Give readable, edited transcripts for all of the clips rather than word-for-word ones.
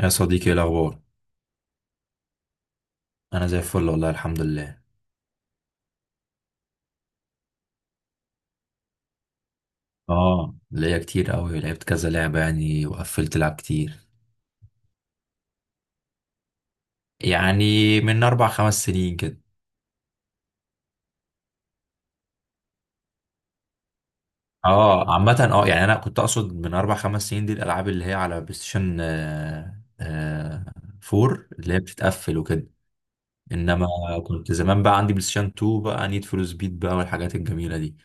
يا صديقي ايه الاخبار؟ انا زي الفل والله الحمد لله. اه، ليا كتير قوي، لعبت كذا لعبه يعني وقفلت لعب كتير. يعني من اربع خمس سنين كده. اه عامه، يعني انا كنت اقصد من اربع خمس سنين دي الالعاب اللي هي على بلاي ستيشن 4 اللي هي بتتقفل وكده. انما كنت زمان بقى عندي بلاي ستيشن 2 بقى، نيد فور سبيد بقى والحاجات الجميله دي.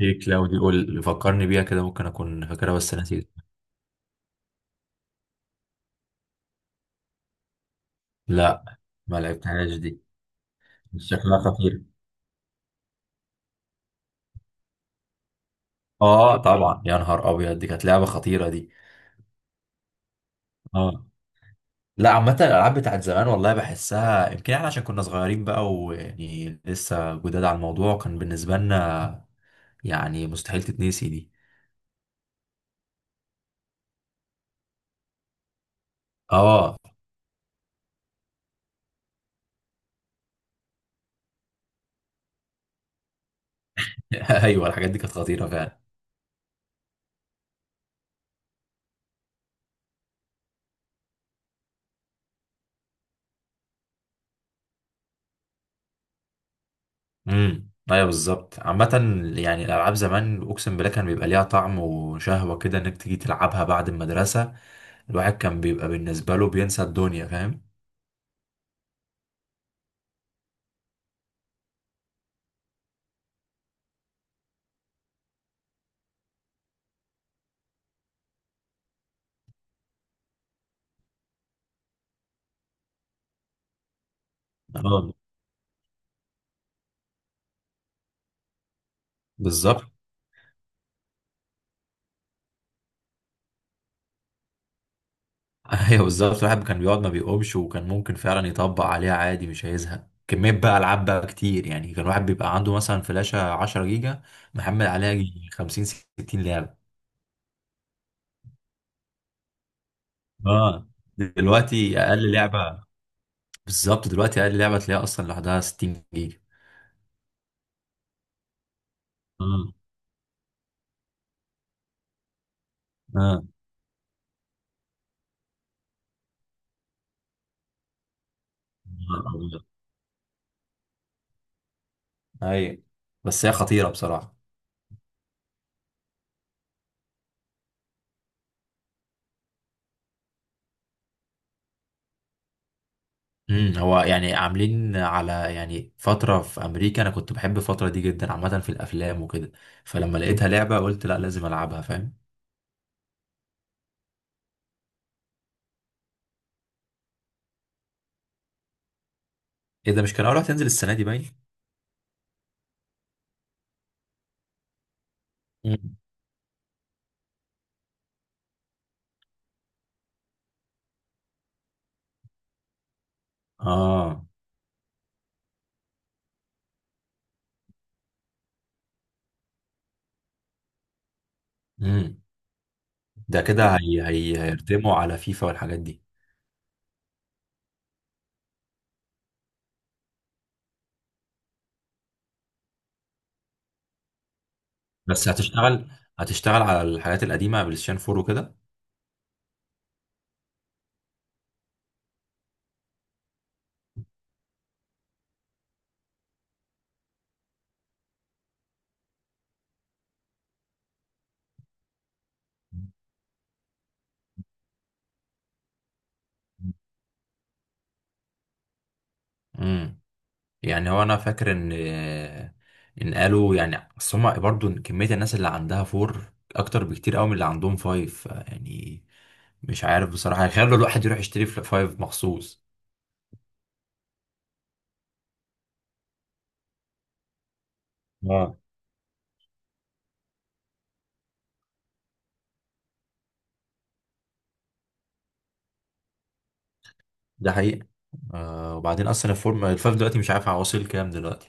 ايه كلاودي؟ قول فكرني بيها كده، ممكن اكون فاكرها بس نسيت. لا، ما لعبتهاش دي، شكلها خطير. اه طبعا، يا نهار ابيض دي كانت لعبه خطيره دي. اه، لا عامه الالعاب بتاعت زمان والله بحسها، يمكن احنا عشان كنا صغيرين بقى ويعني لسه جداد على الموضوع، كان بالنسبه لنا يعني مستحيل تتنسي دي. اه. ايوه الحاجات دي كانت خطيره فعلا. ايوه بالظبط. عامه يعني الالعاب زمان اقسم بالله كان بيبقى ليها طعم وشهوه كده انك تيجي تلعبها بعد المدرسه. الواحد كان بيبقى بالنسبه له بينسى الدنيا، فاهم. اه بالظبط. ايوه بالظبط، الواحد كان بيقعد ما بيقومش، وكان ممكن فعلا يطبق عليها عادي، مش هيزهق. كمية بقى ألعاب بقى كتير يعني، كان الواحد بيبقى عنده مثلا فلاشة 10 جيجا محمل عليها يجي 50 60 لعبة. اه دلوقتي أقل لعبة، بالظبط دلوقتي أقل لعبة تلاقيها أصلا لوحدها 60 جيجا. اه اه. أيوة، بس هي خطيرة بصراحة. امم، هو يعني عاملين على يعني فترة في أمريكا، أنا كنت بحب الفترة دي جدا عامة في الأفلام وكده، فلما لقيتها لعبة قلت لا لازم ألعبها فاهم. ايه ده؟ مش كان اول واحد هينزل السنه دي باين؟ مم. اه امم. ده كده هيرتموا على فيفا والحاجات دي. بس هتشتغل، هتشتغل على الحاجات القديمه، بلايستيشن 4 وكده؟ امم، يعني هو انا فاكر ان قالوا يعني، بس هما برضه كميه الناس اللي عندها 4 اكتر بكتير قوي من اللي عندهم 5 يعني. مش عارف بصراحه هيخلوا الواحد يروح يشتري 5 مخصوص. اه ده حقيقي. آه وبعدين اصلا الفورم الفايف دلوقتي مش عارف هوصل كام دلوقتي.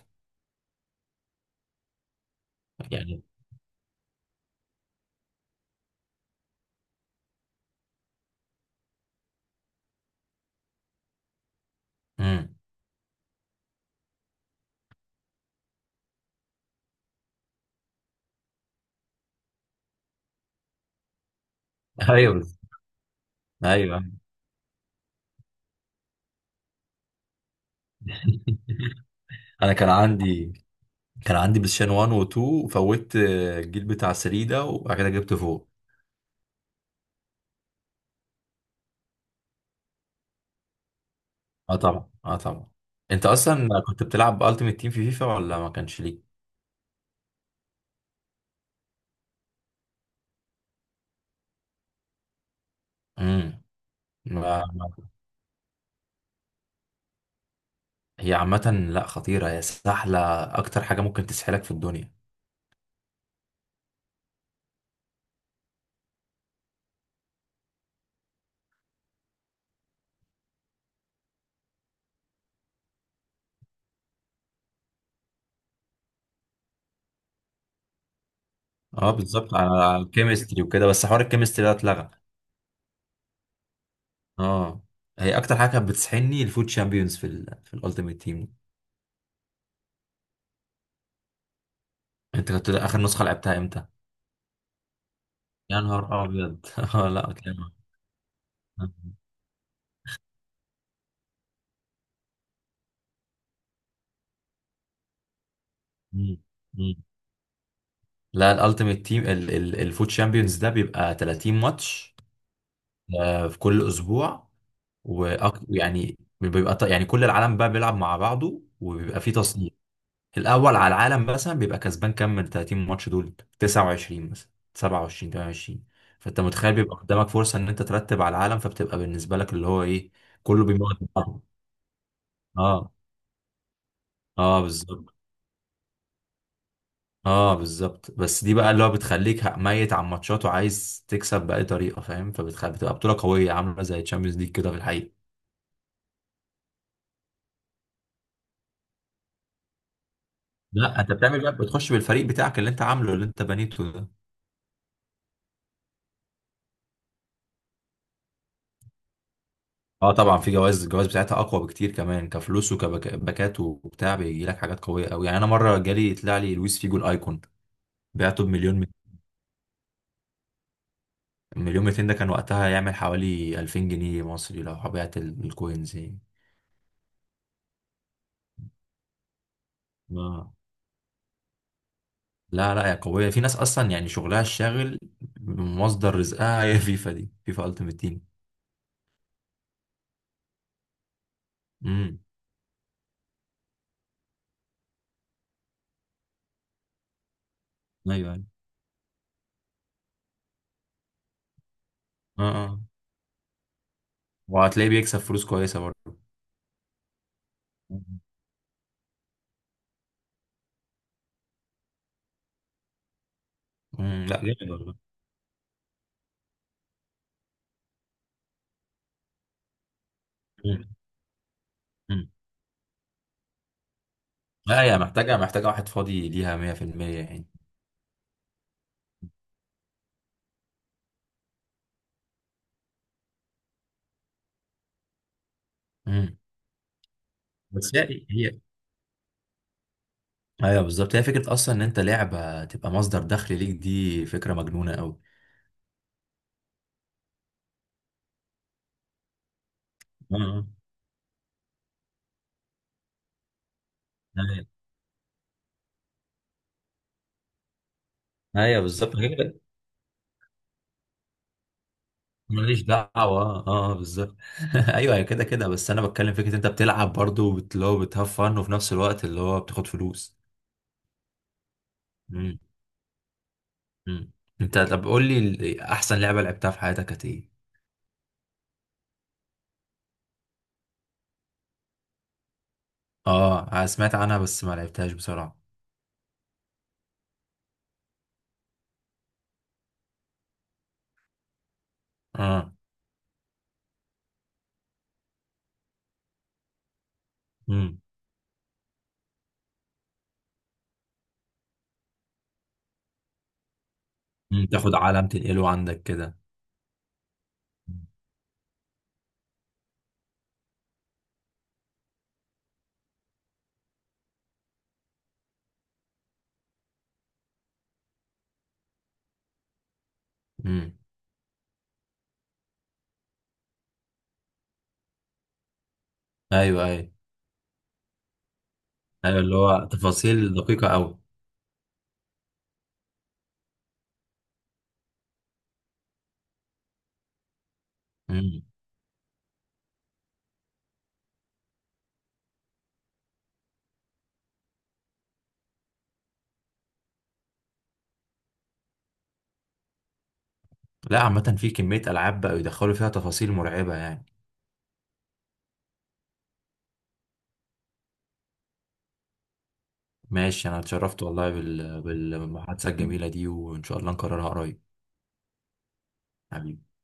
يعني امم ايوه ايوه، انا كان عندي بلاي ستيشن 1 و 2 وفوت الجيل بتاع 3 ده وبعد كده جبت فوق. اه طبعا اه طبعا. انت اصلا كنت بتلعب التيمت تيم في فيفا ولا ما كانش ليك؟ امم ما... ما... هي عامه لا خطيره، هي سهله، اكتر حاجه ممكن تسحلك في الدنيا. اه بالظبط، على على الكيمستري وكده، بس حوار الكيمستري ده اتلغى. اه، هي اكتر حاجه كانت بتسحلني الفوت شامبيونز في الالتيمت تيم. انت كنت اخر نسخه لعبتها امتى؟ يا نهار ابيض. لا كلام. مم. مم. لا الالتيميت تيم، الفوت شامبيونز ده بيبقى 30 ماتش في كل اسبوع. ويعني بيبقى يعني كل العالم بقى بيلعب مع بعضه وبيبقى فيه تصنيف. الاول على العالم مثلا بيبقى كسبان كام من 30 ماتش دول، 29 مثلا 27 28. فانت متخيل بيبقى قدامك فرصه ان انت ترتب على العالم، فبتبقى بالنسبه لك اللي هو ايه. كله بيموت بعضه. اه اه بالظبط، اه بالظبط. بس دي بقى اللي هو بتخليك ميت على الماتشات وعايز تكسب بأي طريقة فاهم، فبتخلي بتبقى بطولة قوية عاملة زي تشامبيونز ليج كده في الحقيقة. لا، انت بتعمل بقى، بتخش بالفريق بتاعك اللي انت عامله، اللي انت بنيته ده. اه طبعا في جوائز، الجوائز بتاعتها اقوى بكتير كمان، كفلوس وكباكات وبتاع، بيجي لك حاجات قوية قوي. يعني انا مرة جالي طلع لي لويس فيجو الايكون، بعته بمليون، مليون 200. ده كان وقتها يعمل حوالي 2000 جنيه مصري لو بعت الكوينز يعني. آه. لا لا يا قوية، في ناس أصلا يعني شغلها الشاغل مصدر رزقها هي فيفا دي، فيفا ألتيمت تيم. امم ايوه ايوه. اه اه، وهتلاقيه بيكسب فلوس كويسة برضه. مم. امم، لا جامد والله. امم امم، لا هي محتاجة، محتاجة واحد فاضي ليها 100 في المية. يعني امم. بس هي ايوه بالظبط، هي فكرة أصلا إن أنت لعبة تبقى مصدر دخل ليك، دي فكرة مجنونة أوي. اه آه. ايوه أيوة بالظبط غير. ماليش دعوة. اه بالظبط. ايوه أيوة، كده كده، بس انا بتكلم فكرة انت بتلعب برضو اللي هو بتهفن وفي نفس الوقت اللي هو بتاخد فلوس. مم. مم. انت طب قول لي احسن لعبة لعبتها في حياتك كانت ايه؟ اه أنا سمعت عنها بس ما لعبتهاش بصراحة. اه مم. مم. تاخد عالم تنقله عندك كده. مم. ايوه ايوه. ايوه اللي هو تفاصيل دقيقة قوي. مم. لا عامة في كمية العاب بقوا يدخلوا فيها تفاصيل مرعبة يعني. ماشي انا اتشرفت والله بالمحادثة الجميلة دي وان شاء الله نكررها قريب. حبيبي.